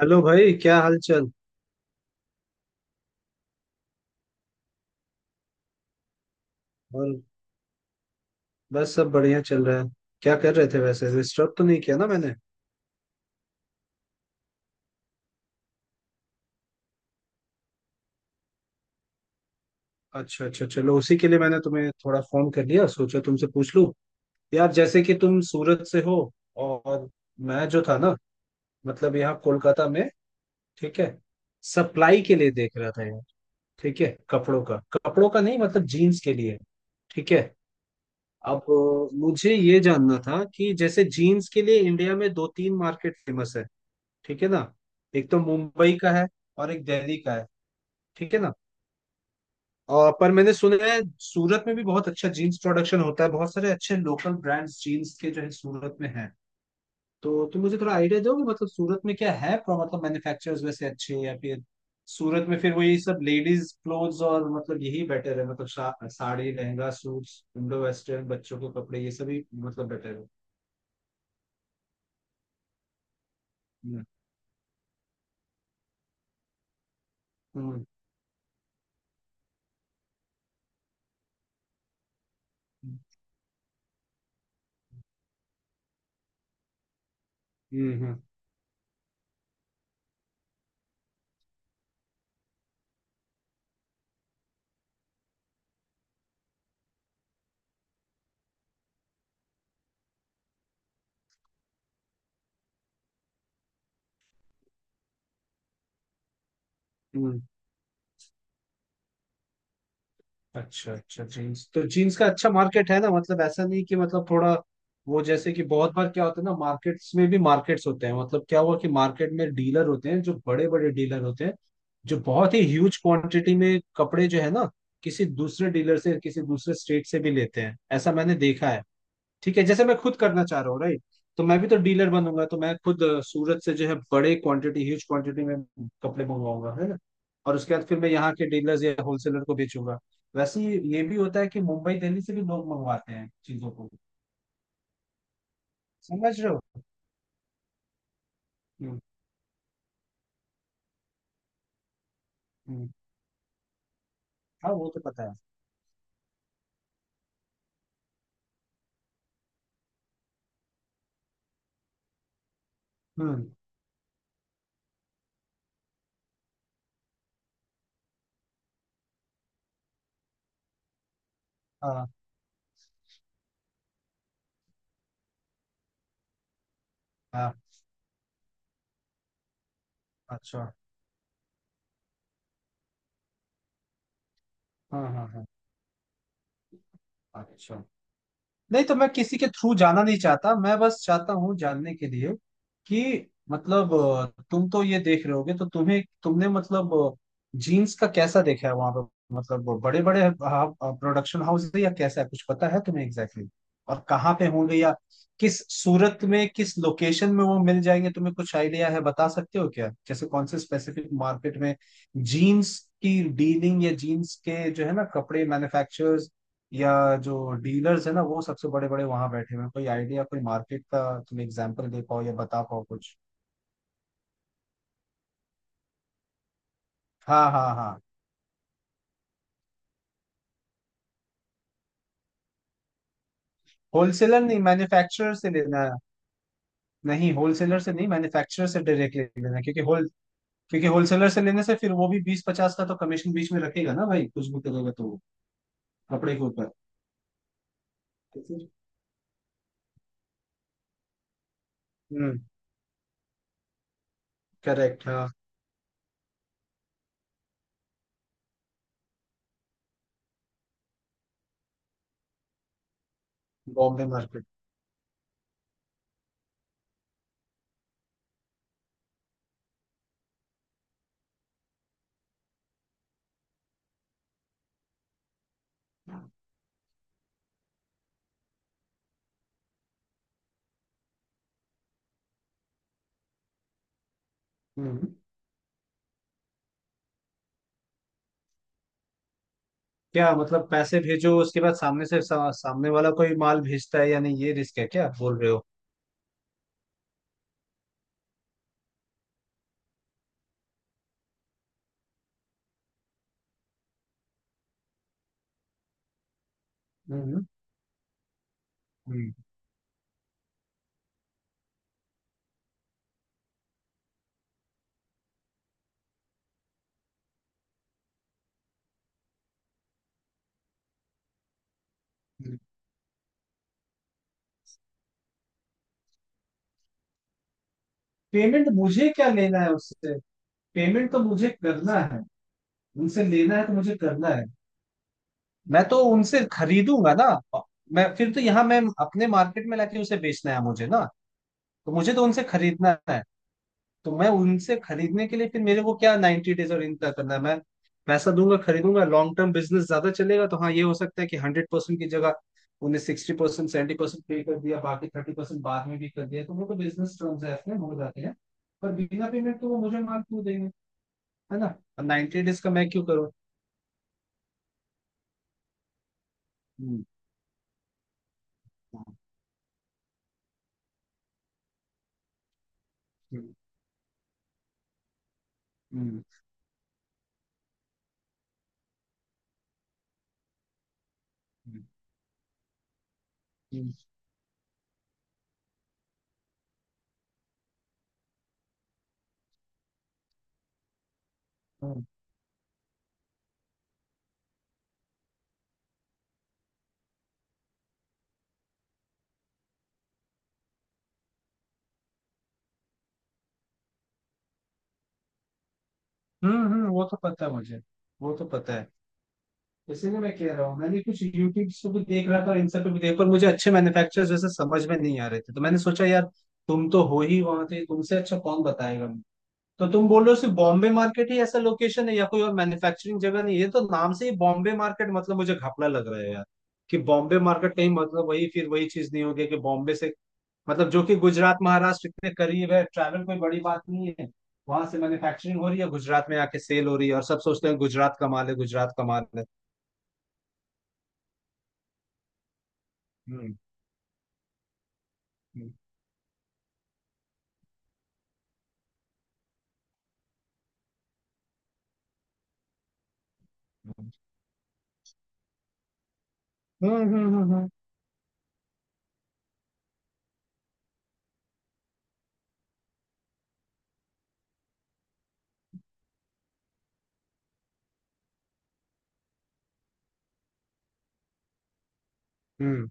Hello भाई क्या हाल चाल। और बस सब बढ़िया चल रहा है। क्या कर रहे थे वैसे, डिस्टर्ब तो नहीं किया ना मैंने? अच्छा अच्छा अच्छा, चलो उसी के लिए मैंने तुम्हें थोड़ा फोन कर लिया, सोचा तुमसे पूछ लूं। यार जैसे कि तुम सूरत से हो और मैं जो था ना मतलब यहाँ कोलकाता में। ठीक है। सप्लाई के लिए देख रहा था यार। ठीक है, कपड़ों का नहीं मतलब जीन्स के लिए। ठीक है। अब मुझे ये जानना था कि जैसे जीन्स के लिए इंडिया में दो तीन मार्केट फेमस है। ठीक है ना? एक तो मुंबई का है और एक दिल्ली का है। ठीक है ना? और पर मैंने सुना है सूरत में भी बहुत अच्छा जीन्स प्रोडक्शन होता है, बहुत सारे अच्छे लोकल ब्रांड्स जीन्स के जो है सूरत में हैं। तो तुम मुझे थोड़ा आइडिया दोगे, मतलब सूरत में क्या है मतलब मैन्युफैक्चरर्स वैसे अच्छे हैं या फिर सूरत में फिर वही सब लेडीज क्लोथ्स, और मतलब यही बेटर है, मतलब sari lehenga suits Indo western बच्चों के कपड़े ये सभी मतलब बेटर है? हम्म हम्म हम्म हम्म हम्म। अच्छा अच्छा जीन्स तो जीन्स का अच्छा मार्केट है ना, मतलब ऐसा नहीं कि मतलब थोड़ा वो जैसे कि बहुत बार क्या होता है ना मार्केट्स में भी मार्केट्स होते हैं, मतलब क्या हुआ कि मार्केट में डीलर होते हैं जो बड़े बड़े डीलर होते हैं, जो बहुत ही ह्यूज क्वांटिटी में कपड़े जो है ना किसी दूसरे डीलर से किसी दूसरे स्टेट से भी लेते हैं, ऐसा मैंने देखा है। ठीक है, जैसे मैं खुद करना चाह रहा हूँ, राइट? तो मैं भी तो डीलर बनूंगा, तो मैं खुद सूरत से जो है बड़े क्वांटिटी ह्यूज क्वांटिटी में कपड़े मंगवाऊंगा, है ना? और उसके बाद फिर मैं यहाँ के डीलर्स या होलसेलर को बेचूंगा। वैसे ही ये भी होता है कि मुंबई दिल्ली से भी लोग मंगवाते हैं चीजों को। समझ रहे हो? हम्म हम्म। हाँ वो तो पता है। हम्म। हाँ हाँ। अच्छा। हाँ हाँ हाँ। अच्छा। नहीं तो मैं किसी के थ्रू जाना नहीं चाहता, मैं बस चाहता हूँ जानने के लिए कि मतलब तुम तो ये देख रहे होगे, तो तुम्हें तुमने मतलब जीन्स का कैसा देखा है वहां पर, मतलब बड़े बड़े प्रोडक्शन हाउस है या कैसा है, कुछ पता है तुम्हें एग्जैक्टली exactly? और कहाँ पे होंगे या किस सूरत में किस लोकेशन में वो मिल जाएंगे? तुम्हें कुछ आइडिया है, बता सकते हो क्या, जैसे कौन से स्पेसिफिक मार्केट में जीन्स की डीलिंग या जीन्स के जो है ना कपड़े मैन्युफैक्चर या जो डीलर्स है ना वो सबसे बड़े बड़े वहां बैठे हुए हैं? कोई आइडिया कोई मार्केट का तुम एग्जांपल दे पाओ या बता पाओ कुछ? हाँ हाँ हाँ। होलसेलर नहीं मैन्युफैक्चरर से लेना है। नहीं होलसेलर से नहीं, मैन्युफैक्चरर से डायरेक्टली लेना है, क्योंकि होलसेलर से लेने से फिर वो भी बीस पचास का तो कमीशन बीच में रखेगा ना भाई, कुछ भी करेगा तो वो कपड़े के ऊपर। हम्म। करेक्ट, हाँ। बॉम्बे मार्केट। हम्म। क्या मतलब पैसे भेजो, उसके बाद सामने से सामने वाला कोई माल भेजता है या नहीं, ये रिस्क है क्या बोल रहे हो? हम्म हम्म। पेमेंट मुझे क्या लेना है उससे? पेमेंट तो मुझे करना है, उनसे लेना है तो मुझे करना है। मैं तो उनसे खरीदूंगा ना। मैं फिर तो यहाँ मैं अपने मार्केट में लाके उसे बेचना है मुझे ना। तो मुझे तो उनसे खरीदना है। तो मैं उनसे खरीदने के लिए फिर मेरे को क्या 90 डेज और इनका करना है? मैं पैसा दूंगा खरीदूंगा, लॉन्ग टर्म बिजनेस ज्यादा चलेगा, तो हाँ ये हो सकता है कि 100% की जगह उन्हें 60% 70% पे कर दिया, बाकी 30% बाद में भी कर दिया, तो वो तो बिजनेस ट्रांजैक्शन हो जाते हैं। पर बिना पेमेंट तो वो मुझे माल क्यों देंगे, है ना? और 90 डेज का मैं क्यों करूँ? हम्म हम्म हम्म हम्म हम्म, वो तो पता है मुझे। वो तो पता है। इसीलिए मैं कह रहा हूँ, मैंने कुछ यूट्यूब से भी देख रहा था और इन सब पे भी देख पर मुझे अच्छे मैन्युफैक्चरर्स जैसे समझ में नहीं आ रहे थे, तो मैंने सोचा यार तुम तो हो ही वहां थे, तुमसे अच्छा कौन बताएगा मुझे। तो तुम बोल रहे हो सिर्फ बॉम्बे मार्केट ही ऐसा लोकेशन है या कोई और मैन्युफैक्चरिंग जगह नहीं है, ये तो नाम से ही बॉम्बे मार्केट, मतलब मुझे घपला लग रहा है यार कि बॉम्बे मार्केट कहीं मतलब वही फिर वही चीज नहीं होगी कि बॉम्बे से, मतलब जो कि गुजरात महाराष्ट्र इतने करीब है, ट्रैवल कोई बड़ी बात नहीं है, वहां से मैन्युफैक्चरिंग हो रही है गुजरात में आके सेल हो रही है और सब सोचते हैं गुजरात का माल है गुजरात का माल है। हम्म हम्म हम्म हम्म हम्म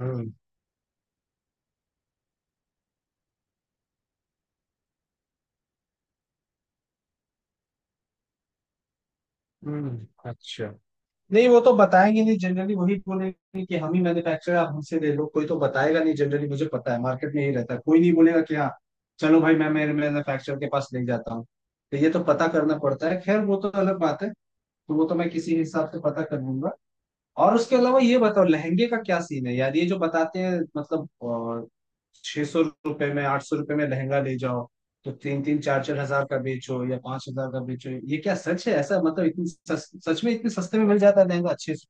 हम्म अच्छा। नहीं वो तो बताएंगे नहीं जनरली, वही बोलेंगे कि हम ही मैन्युफैक्चरर आप हमसे ले लो, कोई तो बताएगा नहीं जनरली, मुझे पता है मार्केट में यही रहता है, कोई नहीं बोलेगा कि हाँ चलो भाई मैं मेरे मैन्युफैक्चरर के पास ले जाता हूँ। तो ये तो पता करना पड़ता है, खैर वो तो अलग बात है। तो वो तो मैं किसी हिसाब से पता कर लूंगा। और उसके अलावा ये बताओ लहंगे का क्या सीन है यार, ये जो बताते हैं मतलब 600 रुपए में 800 रुपए में लहंगा ले जाओ तो 3 3 4 4 हजार का बेचो या 5 हजार का बेचो, ये क्या सच है ऐसा, मतलब सच में इतने सस्ते में मिल जाता है लहंगा अच्छे से?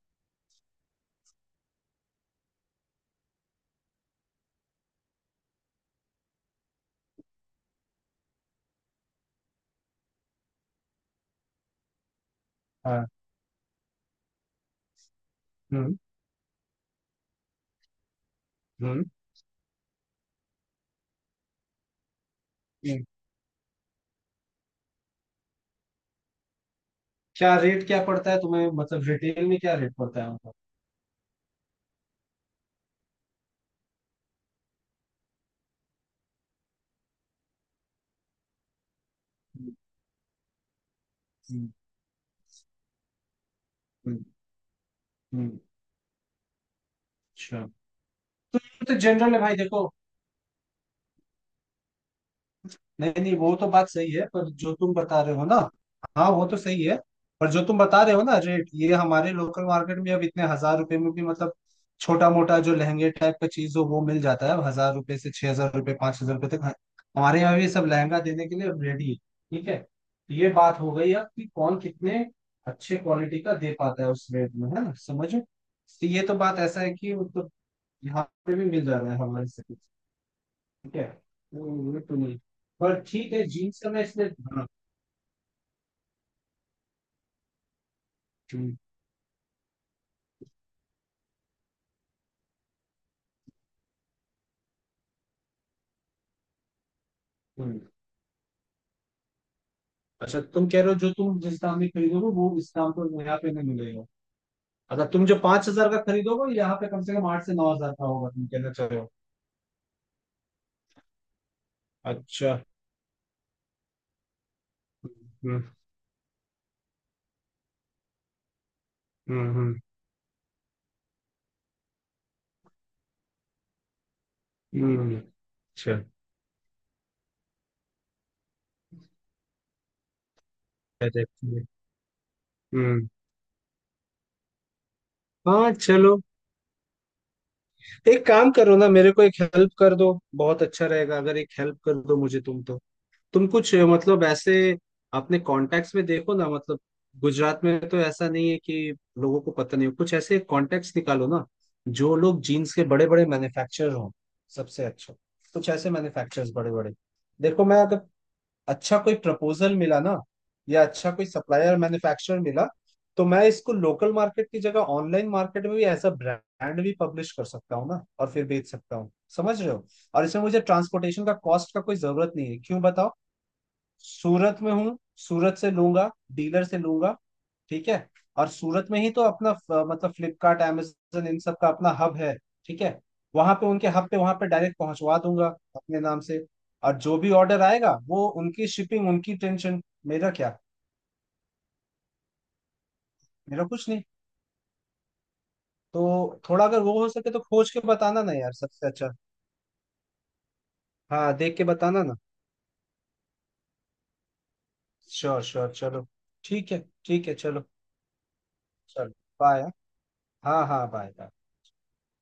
हाँ। हम्म हम्म हम्म, क्या रेट क्या पड़ता है तुम्हें, मतलब रिटेल में क्या रेट पड़ता है उनका? हम्म, हम्म, हम्म, हम्म, अच्छा। तो ये तो जनरल है भाई देखो। नहीं नहीं वो तो बात सही है, पर जो तुम बता रहे हो ना हाँ वो तो सही है। पर जो तुम बता रहे हो ना रेट, ये हमारे लोकल मार्केट में अब इतने हजार रुपए में भी मतलब छोटा मोटा जो लहंगे टाइप का चीज हो वो मिल जाता है, अब हजार रुपए से 6 हजार रुपए 5 हजार रुपए तक हमारे यहाँ भी सब लहंगा देने के लिए रेडी है। ठीक है, तो ये बात हो गई अब कि कौन कितने अच्छे क्वालिटी का दे पाता है उस रेट में, है ना? समझो तो ये तो बात ऐसा है कि मतलब यहाँ पे भी मिल जा रहा है हमारे से। ठीक है, वो वो तो नहीं पर ठीक है जीन्स का मैं इसलिए हाँ। हम्म, हम्म। अच्छा तुम कह रहे हो जो तुम जिस दाम में खरीदोगे वो इस दाम पर यहाँ पे नहीं मिलेगा? अच्छा तुम जो 5 हजार का खरीदोगे यहाँ पे कम से कम 8 से 9 हजार का होगा तुम कहना चाह रहे हो? अच्छा। हम्म हम्म अच्छा क्या देखते हैं। हम्म। हाँ चलो। एक काम करो ना, मेरे को एक हेल्प कर दो, बहुत अच्छा रहेगा अगर एक हेल्प कर दो मुझे तुम तो। तुम कुछ मतलब ऐसे अपने कॉन्टेक्ट्स में देखो ना, मतलब गुजरात में तो ऐसा नहीं है कि लोगों को पता नहीं हो, कुछ ऐसे कॉन्टेक्ट्स निकालो ना जो लोग जीन्स के बड़े बड़े मैन्युफैक्चरर हों, सबसे अच्छा कुछ ऐसे मैन्युफैक्चरर्स बड़े बड़े। देखो मैं अगर अच्छा कोई प्रपोजल मिला ना या अच्छा कोई सप्लायर मैन्युफैक्चरर मिला तो मैं इसको लोकल मार्केट की जगह ऑनलाइन मार्केट में भी एज अ ब्रांड भी पब्लिश कर सकता हूँ ना और फिर बेच सकता हूँ। समझ रहे हो? और इसमें मुझे ट्रांसपोर्टेशन का कॉस्ट का कोई जरूरत नहीं है, क्यों बताओ? सूरत में हूँ, सूरत से लूंगा, डीलर से लूंगा। ठीक है। और सूरत में ही तो अपना मतलब फ्लिपकार्ट amazon इन सब का अपना हब है। ठीक है। वहां पे उनके हब पे वहां पे डायरेक्ट पहुंचवा दूंगा अपने नाम से। और जो भी ऑर्डर आएगा वो उनकी शिपिंग उनकी टेंशन, मेरा क्या, मेरा कुछ नहीं। तो थोड़ा अगर वो हो सके तो खोज के बताना ना यार सबसे अच्छा। हाँ देख के बताना ना। श्योर श्योर चलो। ठीक है। ठीक है चलो। चलो बाय। हाँ हाँ बाय बाय।